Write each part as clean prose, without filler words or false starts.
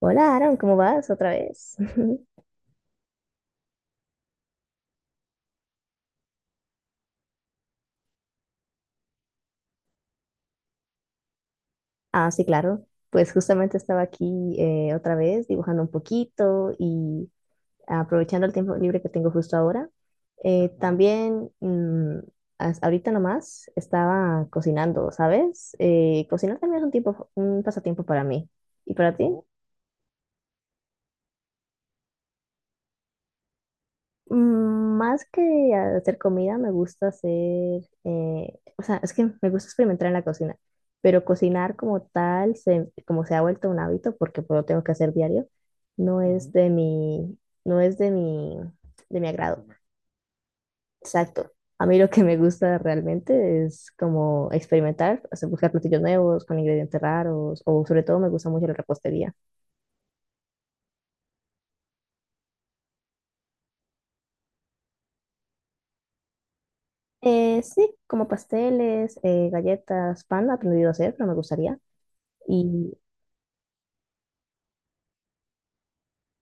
Hola, Aaron, ¿cómo vas otra vez? Ah, sí, claro. Pues justamente estaba aquí otra vez dibujando un poquito y aprovechando el tiempo libre que tengo justo ahora. Eh, también, mm, Ahorita nomás, estaba cocinando, ¿sabes? Cocinar también es un tiempo, un pasatiempo para mí. ¿Y para ti? Mm, más que hacer comida, me gusta hacer. Es que me gusta experimentar en la cocina, pero cocinar como tal, como se ha vuelto un hábito, porque pues, lo tengo que hacer diario, no es Ujú. De mi, no es de mi agrado. Exacto. A mí lo que me gusta realmente es como experimentar, o sea, buscar platillos nuevos con ingredientes raros, o sobre todo me gusta mucho la repostería. Sí, como pasteles, galletas, pan, he aprendido a hacer, pero me gustaría. Y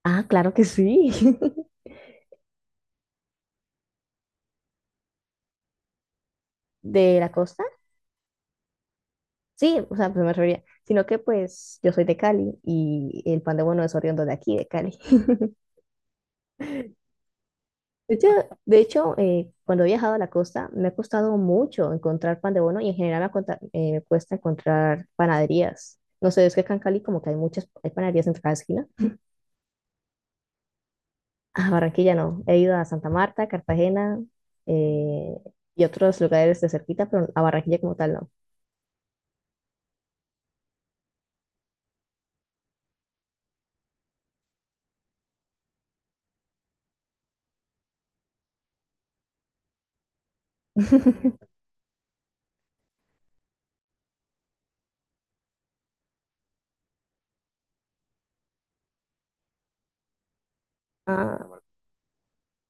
ah, claro que sí. ¿De la costa? Sí, o sea, pues me refería. Sino que pues yo soy de Cali y el pan de bono es oriundo de aquí, de Cali. De hecho, de hecho, cuando he viajado a la costa me ha costado mucho encontrar pan de bono y en general me cuesta encontrar panaderías. No sé, es que acá en Cali como que hay muchas, hay panaderías en cada esquina. A Barranquilla no. He ido a Santa Marta, Cartagena, eh, y otros lugares de cerquita, pero a Barranquilla como tal no. Ah,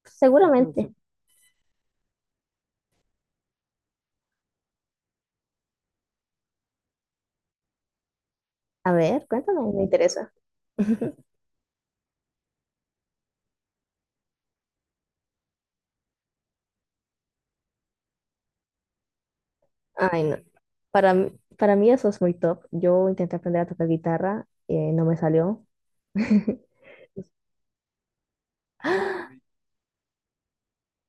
seguramente. A ver, cuéntame, me interesa. Ay, no. Para, mí- para mí eso es muy top. Yo intenté aprender a tocar guitarra, no me salió.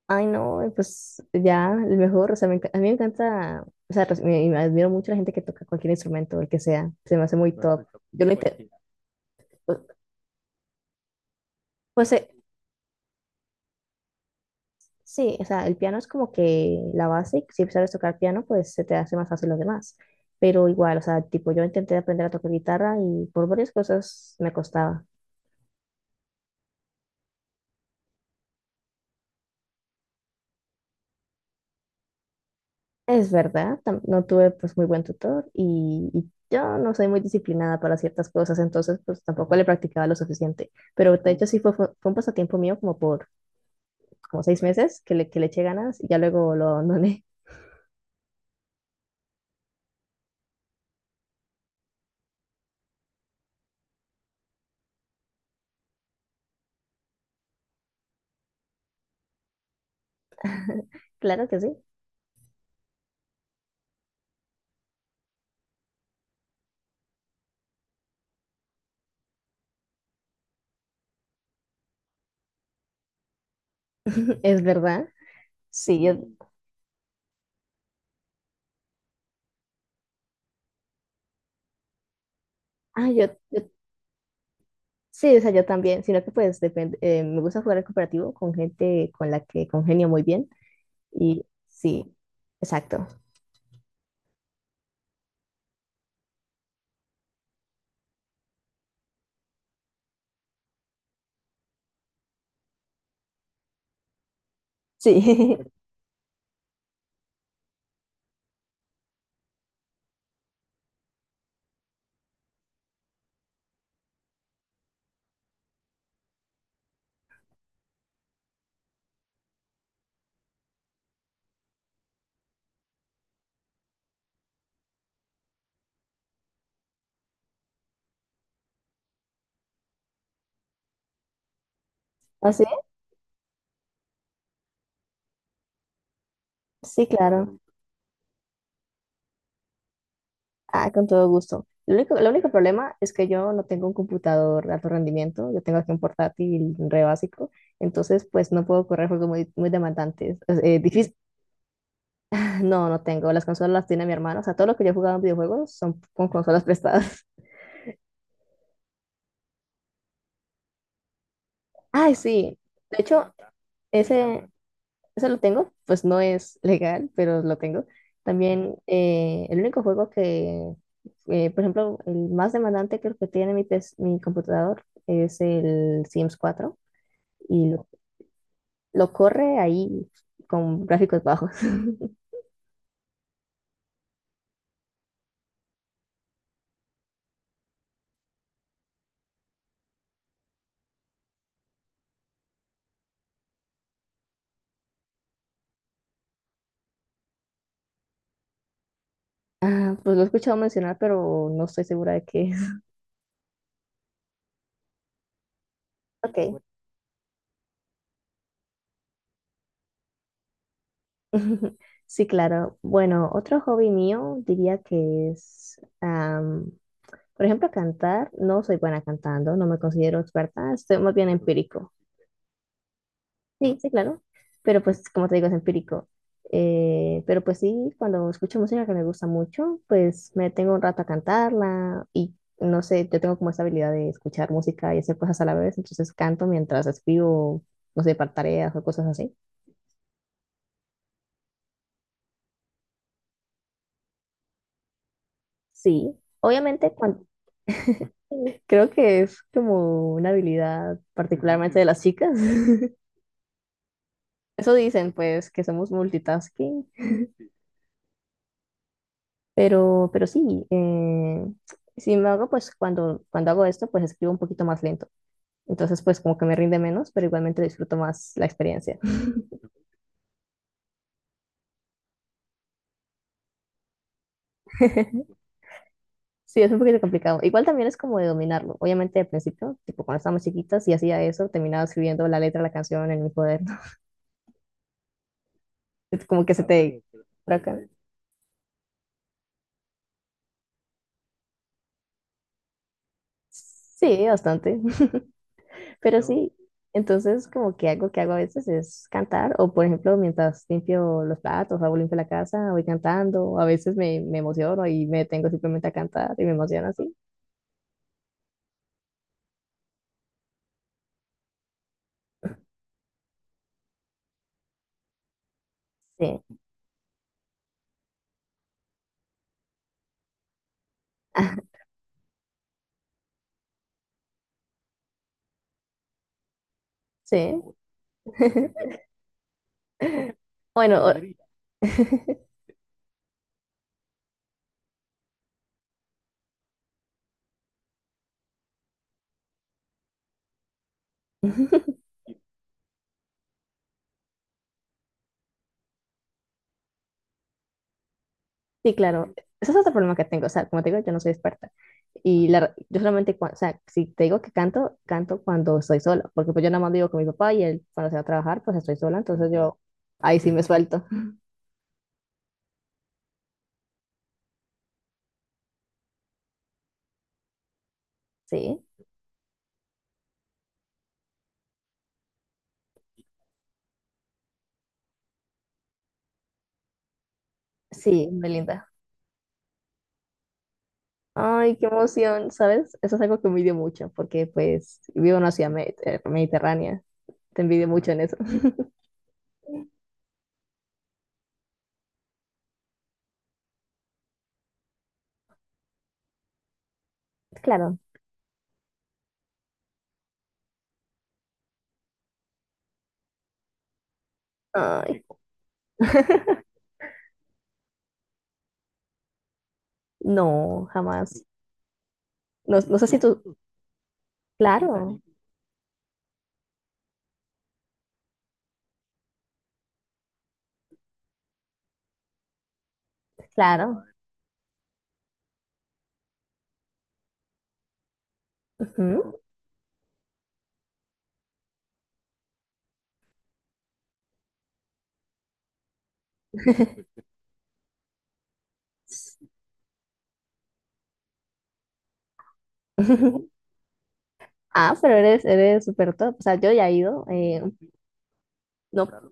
Ay, no, pues ya, el mejor, o sea, a mí me encanta, o sea, me admiro mucho la gente que toca cualquier instrumento, el que sea, se me hace muy top. Yo lo intenté, pues, pues, sí, o sea, el piano es como que la base, y si sabes tocar piano, pues se te hace más fácil los demás, pero igual, o sea, tipo, yo intenté aprender a tocar guitarra y por varias cosas me costaba. Es verdad, no tuve pues muy buen tutor y yo no soy muy disciplinada para ciertas cosas, entonces pues tampoco le practicaba lo suficiente. Pero de hecho sí fue un pasatiempo mío como por como 6 meses que que le eché ganas y ya luego lo abandoné. Claro que sí. Es verdad. Sí, yo, ah, yo- Sí, o sea, yo también, sino que pues depende, me gusta jugar al cooperativo con gente con la que congenio muy bien y sí, exacto. Sí, así, sí, claro. Ah, con todo gusto. Lo único, el único problema es que yo no tengo un computador de alto rendimiento, yo tengo aquí un portátil re básico, entonces pues no puedo correr juegos muy, muy demandantes. Es, difícil. No, no tengo, las consolas las tiene mi hermano, o sea, todo lo que yo he jugado en videojuegos son con consolas prestadas. Ay, sí, de hecho, ese, ese lo tengo, pues no es legal, pero lo tengo. También el único juego que, por ejemplo, el más demandante creo que tiene mi computador es el Sims 4. y lo, lo corre ahí con gráficos bajos. Ah, pues lo he escuchado mencionar, pero no estoy segura de qué es. Ok. Sí, claro. Bueno, otro hobby mío diría que es, am, por ejemplo, cantar. No soy buena cantando, no me considero experta, estoy más bien empírico. Sí, sí, claro. Pero pues, como te digo, es empírico. Pero pues sí, cuando escucho música que me gusta mucho, pues me detengo un rato a cantarla y no sé, yo tengo como esa habilidad de escuchar música y hacer cosas a la vez, entonces canto mientras escribo, no sé, para tareas o cosas así. Sí, obviamente cuan- creo que es como una habilidad particularmente de las chicas. Eso dicen, pues, que somos multitasking. Pero sí, sin embargo, cuando hago esto, pues escribo un poquito más lento. Entonces, pues como que me rinde menos, pero igualmente disfruto más la experiencia. Sí, es un poquito complicado. Igual también es como de dominarlo. Obviamente, al principio, tipo cuando estábamos chiquitas y hacía eso, terminaba escribiendo la letra de la canción en mi cuaderno. Es como que se te por acá. Sí, bastante. Pero sí, entonces como que algo que hago a veces es cantar o por ejemplo mientras limpio los platos, hago limpio la casa, voy cantando, a veces me emociono y me detengo simplemente a cantar y me emociona así. Sí, sí. Oh, bueno, o- sí, claro, podría. Ese es otro problema que tengo, o sea, como te digo, yo no soy experta y la, yo solamente, cua- o sea, si te digo que canto, canto cuando estoy sola, porque pues yo nada más vivo con mi papá y él cuando se va a trabajar, pues estoy sola, entonces yo ahí sí me suelto. Sí. Sí, Belinda. Ay, qué emoción, ¿sabes? Eso es algo que envidio mucho, porque pues vivo en una ciudad mediterránea. Te envidio mucho en eso. Claro. Ay, no, jamás. No, no sé si tú... Claro, claro. Ujú. Ah, pero eres, eres súper top. O sea, yo ya he ido. No, claro.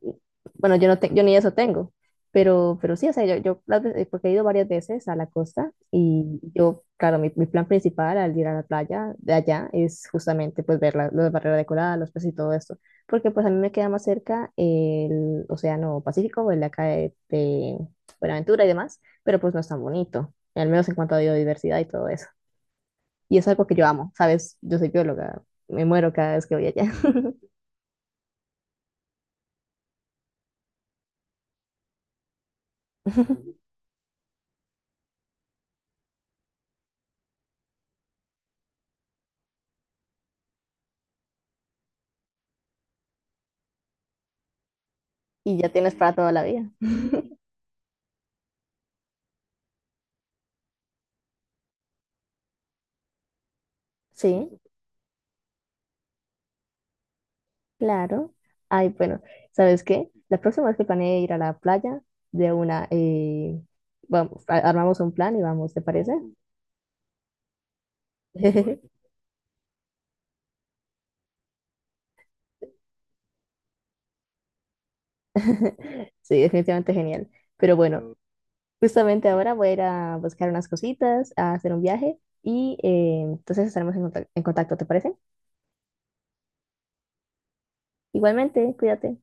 Bueno, yo no te- yo ni eso tengo, pero sí, o sea, yo las veces- porque he ido varias veces a la costa y yo, claro, mi plan principal al ir a la playa de allá es justamente pues ver las barreras de coral, los peces y todo esto, porque pues a mí me queda más cerca el Océano Pacífico, el de acá de Buenaventura y demás, pero pues no es tan bonito, al menos en cuanto a biodiversidad y todo eso. Y es algo que yo amo, ¿sabes? Yo soy bióloga, me muero cada vez que voy allá. Y ya tienes para toda la vida. Sí. Claro. Ay, bueno, ¿sabes qué? La próxima vez que planee ir a la playa, de una, vamos, a- armamos un plan y vamos, ¿te parece? Sí, definitivamente genial. Pero bueno, justamente ahora voy a ir a buscar unas cositas, a hacer un viaje y entonces estaremos en en contacto, ¿te parece? Igualmente, cuídate.